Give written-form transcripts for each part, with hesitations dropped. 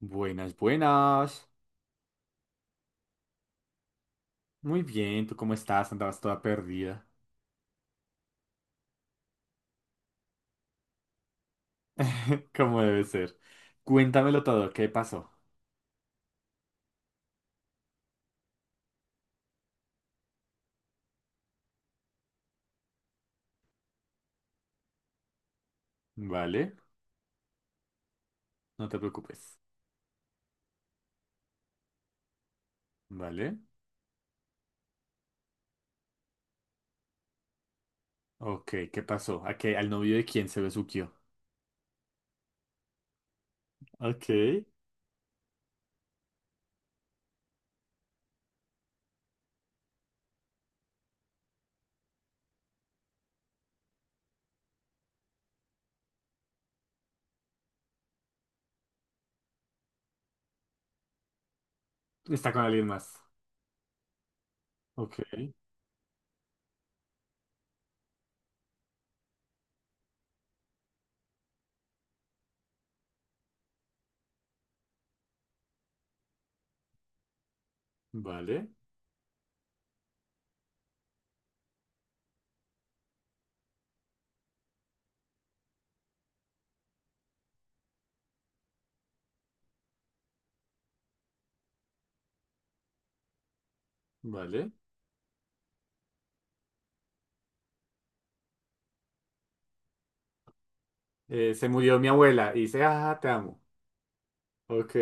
Buenas, buenas. Muy bien, ¿tú cómo estás? Andabas toda perdida. ¿Cómo debe ser? Cuéntamelo todo, ¿qué pasó? Vale, no te preocupes. Vale. Ok, ¿qué pasó? ¿A qué? ¿Al novio de quién se besuqueó? Ok. Está con alguien más. Ok. Vale, vale. Se murió mi abuela y dice, ah, te amo. Ok.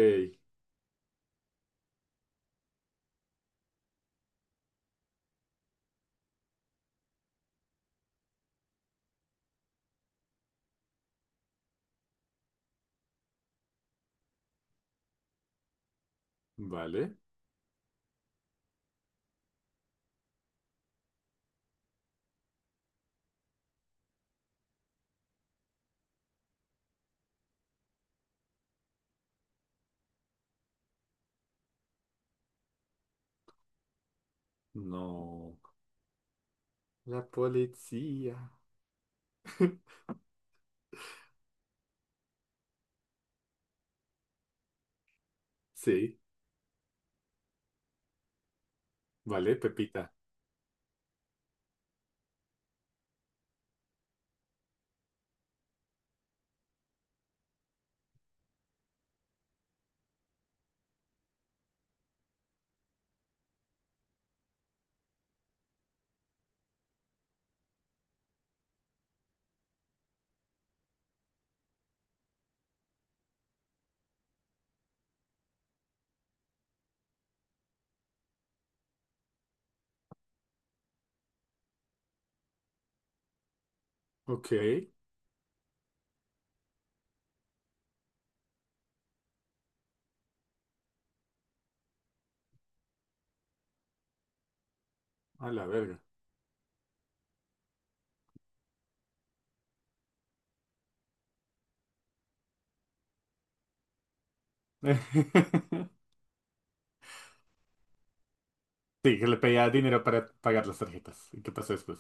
Vale. No. La policía. Sí. Vale, Pepita. Ok. A la verga. Sí, que le pedía dinero para pagar las tarjetas. ¿Y qué pasó después?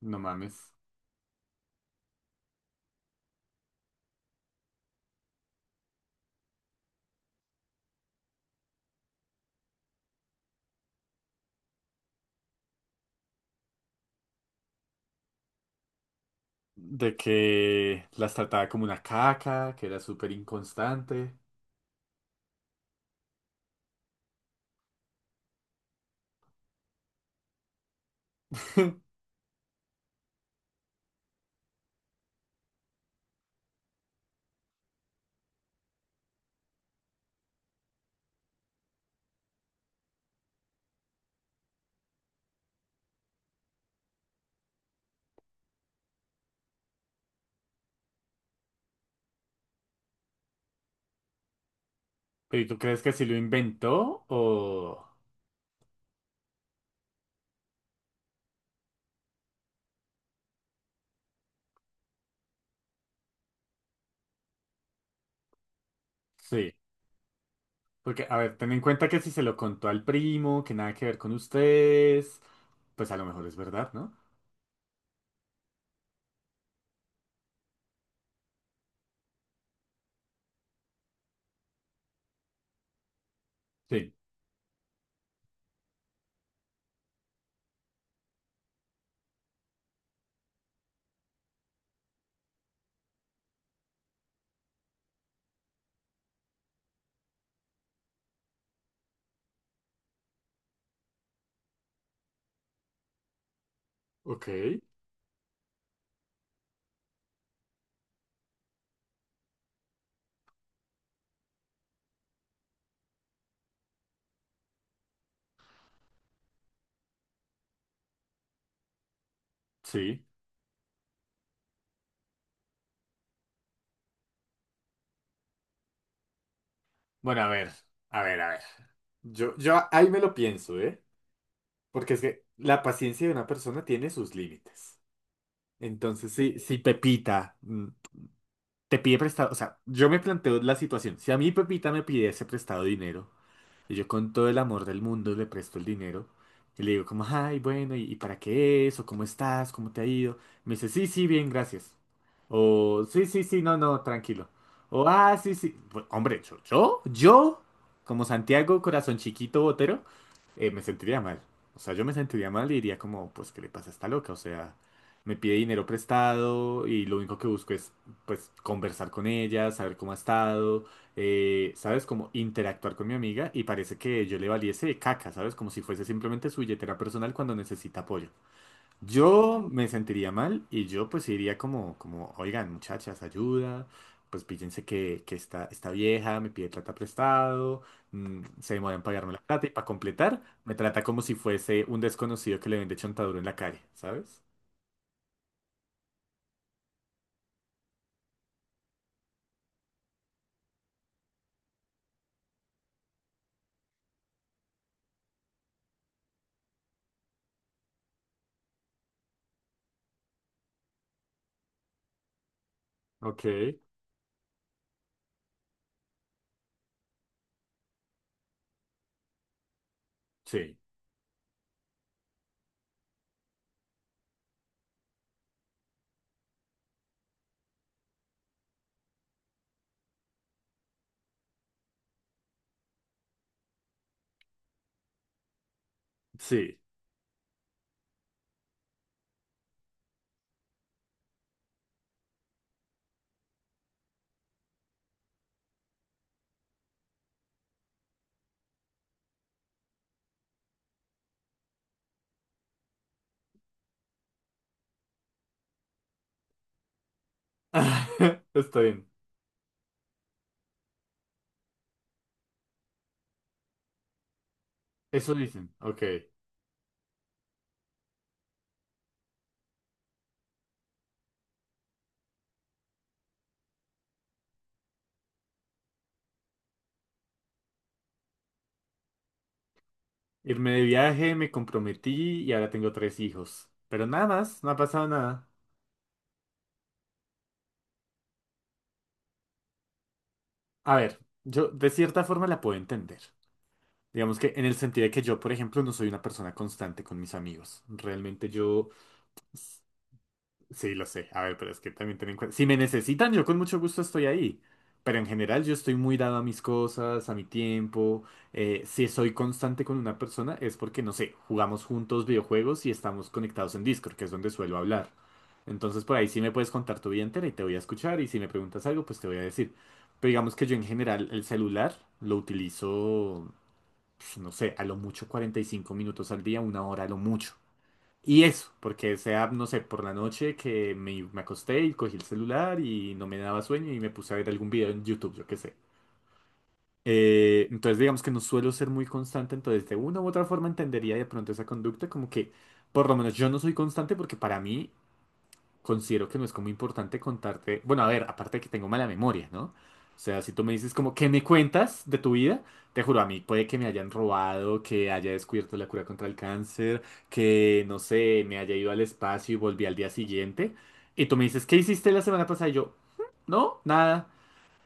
No mames. De que las trataba como una caca, que era súper inconstante. ¿Pero y tú crees que sí lo inventó o...? Sí. Porque, a ver, ten en cuenta que si se lo contó al primo, que nada que ver con ustedes, pues a lo mejor es verdad, ¿no? Sí. Ok. Sí. Bueno, a ver, a ver, a ver. Yo ahí me lo pienso, ¿eh? Porque es que la paciencia de una persona tiene sus límites. Entonces, si Pepita te pide prestado, o sea, yo me planteo la situación. Si a mí Pepita me pidiese prestado dinero, y yo con todo el amor del mundo le presto el dinero y le digo como, ay, bueno, y para qué es? ¿O cómo estás? ¿Cómo te ha ido? Me dice, sí, sí, bien, gracias. O, sí, sí, sí, no, no, tranquilo. O, ah, sí, sí. Hombre, como Santiago, corazón chiquito, botero, me sentiría mal. O sea, yo me sentiría mal y diría como, pues, ¿qué le pasa a esta loca? O sea, me pide dinero prestado y lo único que busco es, pues, conversar con ella, saber cómo ha estado, ¿sabes? Como interactuar con mi amiga y parece que yo le valiese caca, ¿sabes? Como si fuese simplemente su billetera personal cuando necesita apoyo. Yo me sentiría mal y yo pues iría como, como, oigan, muchachas, ayuda, pues píllense que esta vieja me pide plata prestado, se demora en pagarme la plata y para completar me trata como si fuese un desconocido que le vende chontaduro en la calle, ¿sabes? Ok, sí, sí. Está bien. Eso dicen, ok. Irme de viaje, me comprometí y ahora tengo tres hijos. Pero nada más, no ha pasado nada. A ver, yo de cierta forma la puedo entender. Digamos que en el sentido de que yo, por ejemplo, no soy una persona constante con mis amigos. Realmente yo. Sí, lo sé. A ver, pero es que también ten en cuenta. Si me necesitan, yo con mucho gusto estoy ahí. Pero en general yo estoy muy dado a mis cosas, a mi tiempo. Si soy constante con una persona es porque, no sé, jugamos juntos videojuegos y estamos conectados en Discord, que es donde suelo hablar. Entonces por ahí sí me puedes contar tu vida entera y te voy a escuchar, y si me preguntas algo, pues te voy a decir. Pero digamos que yo en general el celular lo utilizo, pues, no sé, a lo mucho 45 minutos al día, una hora a lo mucho. Y eso, porque sea, no sé, por la noche que me acosté y cogí el celular y no me daba sueño y me puse a ver algún video en YouTube, yo qué sé. Entonces digamos que no suelo ser muy constante, entonces de una u otra forma entendería de pronto esa conducta, como que por lo menos yo no soy constante porque para mí considero que no es como importante contarte. Bueno, a ver, aparte de que tengo mala memoria, ¿no? O sea, si tú me dices como, ¿qué me cuentas de tu vida? Te juro, a mí puede que me hayan robado, que haya descubierto la cura contra el cáncer, que, no sé, me haya ido al espacio y volví al día siguiente. Y tú me dices, ¿qué hiciste la semana pasada? Y yo, "Mm, no, nada".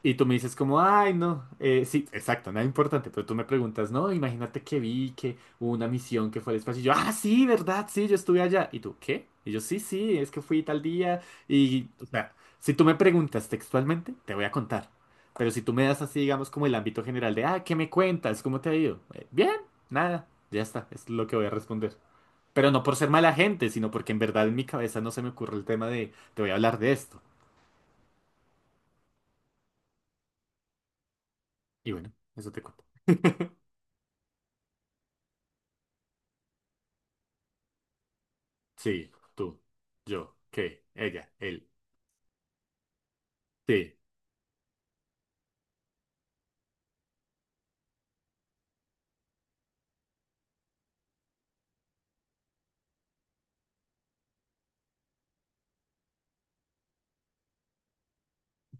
Y tú me dices como, ay, no, sí, exacto, nada importante, pero tú me preguntas, no, imagínate que vi que hubo una misión que fue al espacio, y yo, ah, sí, verdad, sí, yo estuve allá, y tú, ¿qué? Y yo, sí, sí, es que fui tal día, y, o sea, si tú me preguntas textualmente, te voy a contar, pero si tú me das así, digamos, como el ámbito general de, ah, ¿qué me cuentas? ¿Cómo te ha ido? Bien, nada, ya está, es lo que voy a responder, pero no por ser mala gente, sino porque en verdad en mi cabeza no se me ocurre el tema de, te voy a hablar de esto, y bueno, eso te cuento. Sí, tú, yo, que, ella, él, sí,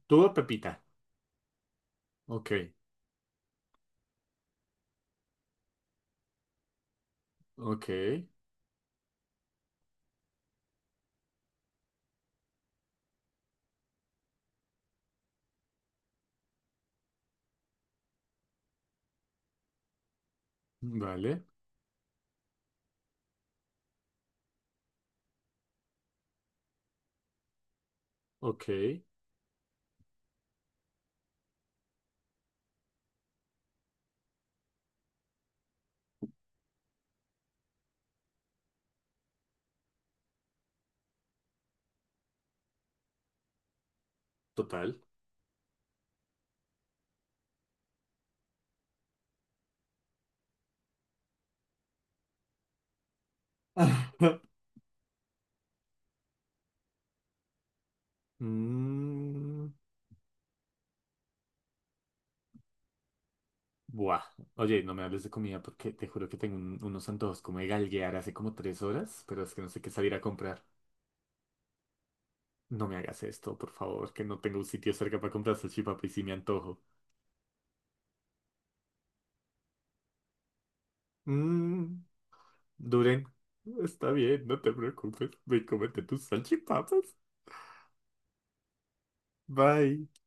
tú o Pepita. Ok, ok, vale, ok, total. Mm, buah, oye, no me hables de comida porque te juro que tengo unos antojos como de galguear hace como 3 horas, pero es que no sé qué salir a comprar. No me hagas esto, por favor, que no tengo un sitio cerca para comprar salchipapa y si me antojo. Mm, Duren, está bien, no te preocupes, ve y cómete tus salchipapas. Bye.